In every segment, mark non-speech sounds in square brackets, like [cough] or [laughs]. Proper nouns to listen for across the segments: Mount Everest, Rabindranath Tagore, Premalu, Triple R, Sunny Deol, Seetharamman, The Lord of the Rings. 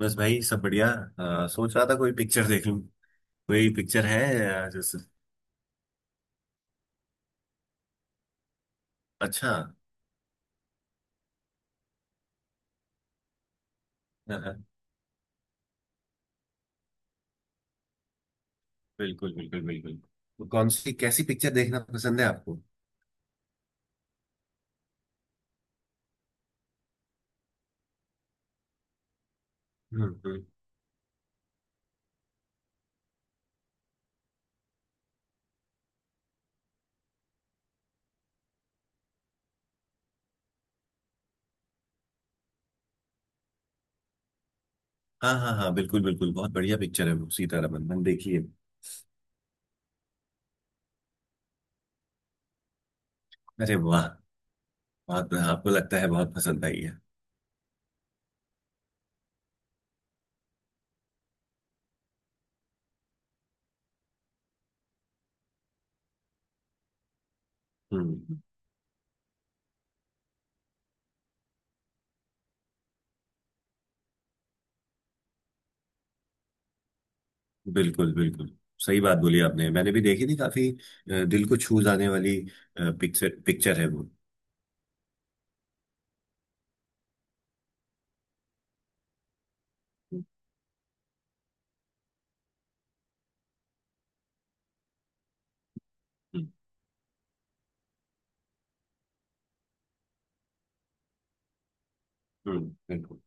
बस भाई सब बढ़िया। सोच रहा था कोई पिक्चर देख लूं। कोई पिक्चर है? जैसे? अच्छा। हाँ, हाँ, बिल्कुल बिल्कुल बिल्कुल। तो कौन सी कैसी पिक्चर देखना पसंद है आपको? हम्म हम्म। हाँ हाँ हाँ, बिल्कुल बिल्कुल, बहुत बढ़िया पिक्चर है वो सीतारमन, मैंने देखी है। अरे वाह! बहुत आपको लगता है बहुत पसंद आई है। हम्म। बिल्कुल बिल्कुल। सही बात बोली आपने। मैंने भी देखी थी, काफी दिल को छू जाने वाली पिक्चर पिक्चर है वो। हम्म बिल्कुल।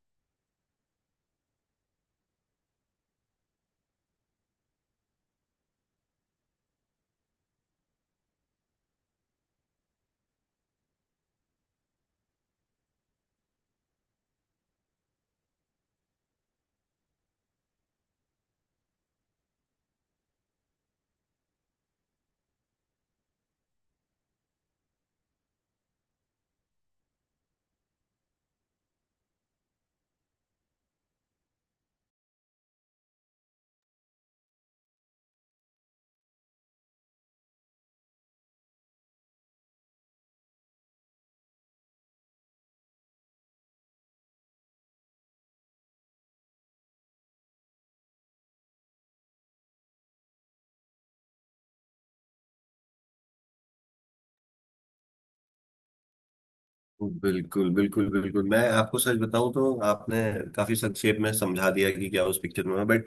बिल्कुल बिल्कुल बिल्कुल। मैं आपको सच बताऊं तो आपने काफी संक्षेप में समझा दिया कि क्या उस पिक्चर में। बट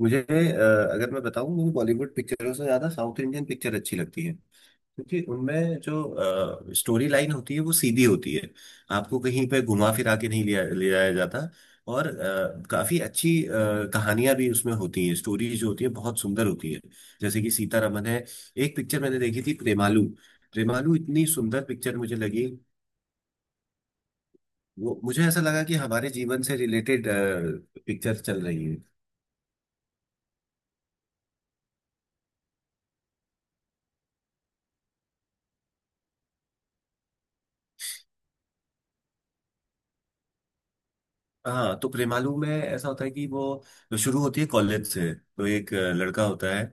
मुझे अगर मैं बताऊं, मुझे बॉलीवुड पिक्चरों से ज्यादा साउथ इंडियन पिक्चर अच्छी लगती है, क्योंकि उनमें जो स्टोरी लाइन होती है वो सीधी होती है। आपको कहीं पे घुमा फिरा के नहीं लिया ले जाया जाता। और काफी कहानियां भी उसमें होती हैं, स्टोरीज जो होती है बहुत सुंदर होती है। जैसे कि सीतारमन है। एक पिक्चर मैंने देखी थी, प्रेमालू। प्रेमालू इतनी सुंदर पिक्चर मुझे लगी। वो मुझे ऐसा लगा कि हमारे जीवन से रिलेटेड पिक्चर चल रही है। हाँ, तो प्रेमालू में ऐसा होता है कि वो शुरू होती है कॉलेज से। तो एक लड़का होता है,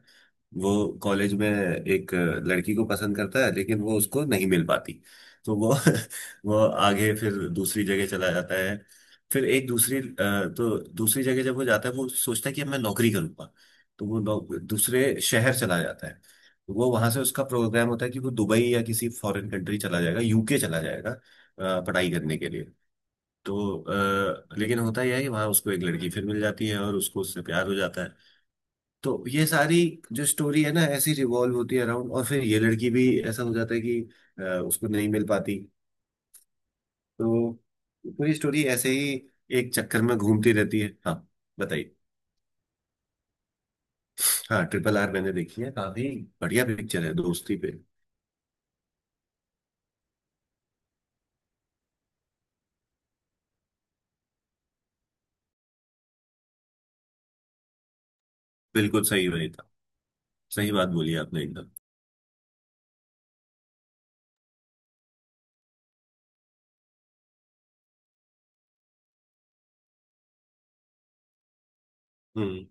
वो कॉलेज में एक लड़की को पसंद करता है, लेकिन वो उसको नहीं मिल पाती। तो वो [laughs] वो आगे फिर दूसरी जगह चला जाता है। फिर एक दूसरी अ, तो दूसरी जगह जब वो जाता है, वो सोचता है कि अब मैं नौकरी करूंगा। तो वो दूसरे शहर चला जाता है। वो वहां से उसका प्रोग्राम होता है कि वो दुबई या किसी फॉरेन कंट्री चला जाएगा, यूके चला जाएगा पढ़ाई करने के लिए। तो लेकिन होता यह है कि वहां उसको एक लड़की फिर मिल जाती है और उसको उससे प्यार हो जाता है। तो ये सारी जो स्टोरी है ना, ऐसी रिवॉल्व होती है अराउंड। और फिर ये लड़की भी ऐसा हो जाता है कि उसको नहीं मिल पाती। तो पूरी स्टोरी ऐसे ही एक चक्कर में घूमती रहती है, हाँ। बताइए। हाँ, ट्रिपल आर मैंने देखी है। काफी बढ़िया पिक्चर है, दोस्ती पे। बिल्कुल सही, वही था। सही बात बोली आपने एकदम। हम्म।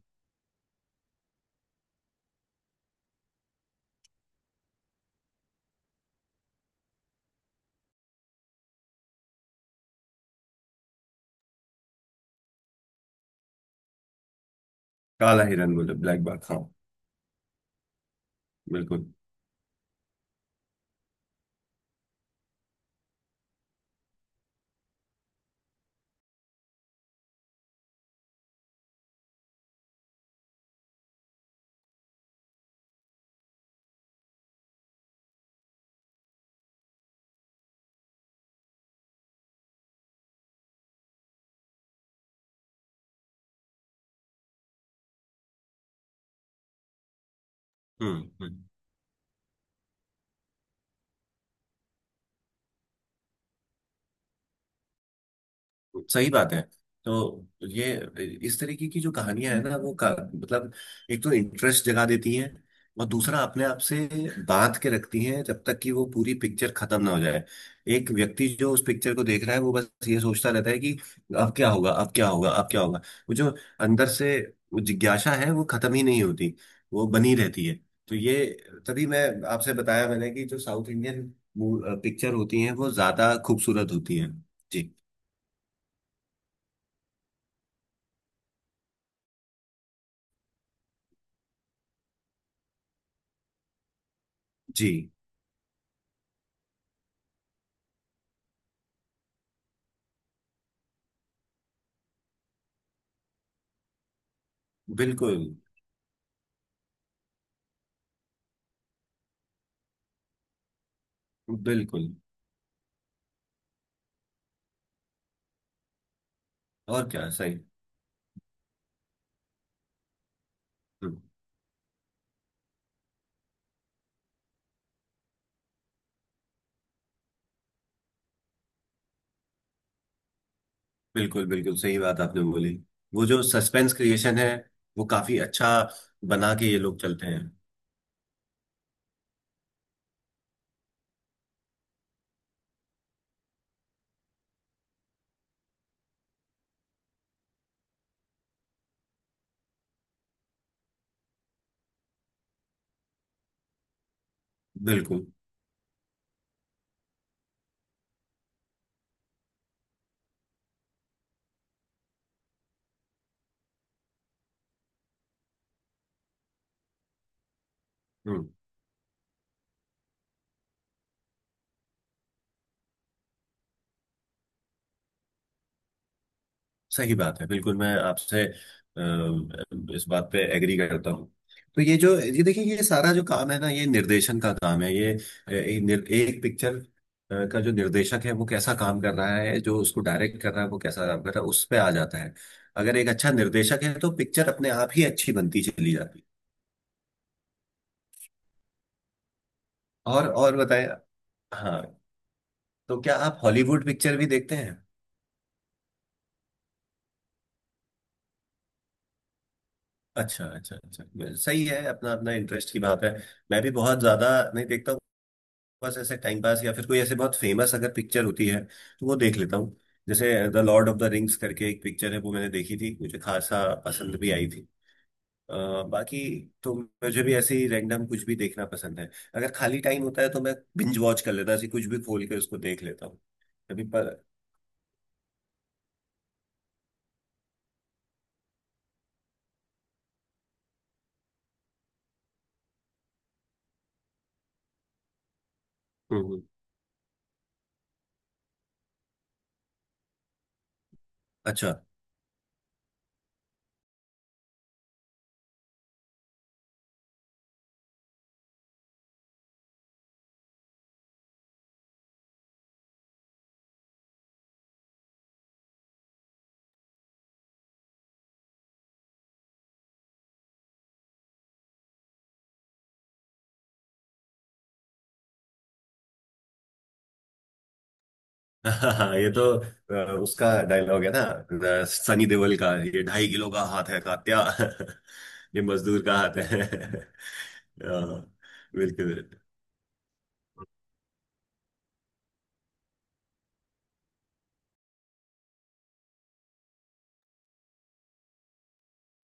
काला हिरन, बोले ब्लैक बार, हाँ। बिल्कुल। हम्म हम्म। सही बात है। तो ये इस तरीके की जो कहानियां है ना, मतलब एक तो इंटरेस्ट जगा देती हैं, और दूसरा अपने आप से बांध के रखती हैं जब तक कि वो पूरी पिक्चर खत्म ना हो जाए। एक व्यक्ति जो उस पिक्चर को देख रहा है, वो बस ये सोचता रहता है कि अब क्या होगा, अब क्या होगा, अब क्या होगा। वो जो अंदर से वो जिज्ञासा है वो खत्म ही नहीं होती, वो बनी रहती है। तो ये, तभी मैं आपसे बताया मैंने कि जो साउथ इंडियन पिक्चर होती हैं वो ज्यादा खूबसूरत होती हैं। जी। जी। बिल्कुल बिल्कुल। और क्या, सही। हम्म, बिल्कुल। बिल्कुल सही बात आपने बोली। वो जो सस्पेंस क्रिएशन है वो काफी अच्छा बना के ये लोग चलते हैं। बिल्कुल। हम्म। सही बात है, बिल्कुल। मैं आपसे इस बात पे एग्री करता हूँ। तो ये जो, ये देखिए, ये सारा जो काम है ना, ये निर्देशन का काम है। ये एक पिक्चर का जो निर्देशक है वो कैसा काम कर रहा है, जो उसको डायरेक्ट कर रहा है वो कैसा काम कर रहा है, उस पे आ जाता है। अगर एक अच्छा निर्देशक है तो पिक्चर अपने आप ही अच्छी बनती चली जाती है। और बताएं। हाँ, तो क्या आप हॉलीवुड पिक्चर भी देखते हैं? अच्छा अच्छा अच्छा, सही है। अपना अपना इंटरेस्ट की बात है। मैं भी बहुत ज्यादा नहीं देखता हूँ, बस ऐसे टाइम पास, या फिर कोई ऐसे बहुत फेमस अगर पिक्चर होती है तो वो देख लेता हूँ। जैसे the lord of the rings करके एक पिक्चर है, वो मैंने देखी थी, मुझे खासा पसंद भी आई थी। बाकी तो मुझे भी ऐसे ही रैंडम कुछ भी देखना पसंद है। अगर खाली टाइम होता है तो मैं बिंज वॉच कर लेता हूँ, ऐसे कुछ भी खोल के उसको देख लेता हूँ। अभी पर। हम्म, हम्म। अच्छा। [laughs] हाँ, ये तो उसका डायलॉग है ना, सनी देओल का, ये ढाई किलो का हाथ है कात्या। [laughs] ये मजदूर का हाथ है। [laughs] अ, बिल्कुल।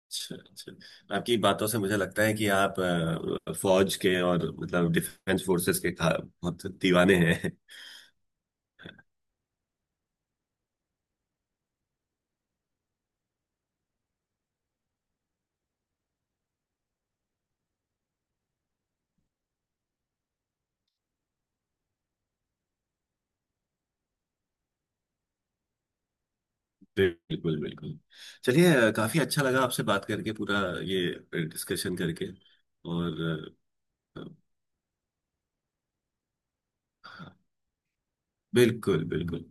अच्छा, अच्छा। आपकी बातों से मुझे लगता है कि आप फौज के और मतलब डिफेंस फोर्सेस के बहुत दीवाने हैं। [laughs] बिल्कुल बिल्कुल। चलिए, काफी अच्छा लगा आपसे बात करके, पूरा ये डिस्कशन करके। और अ, अ, हाँ, बिल्कुल बिल्कुल।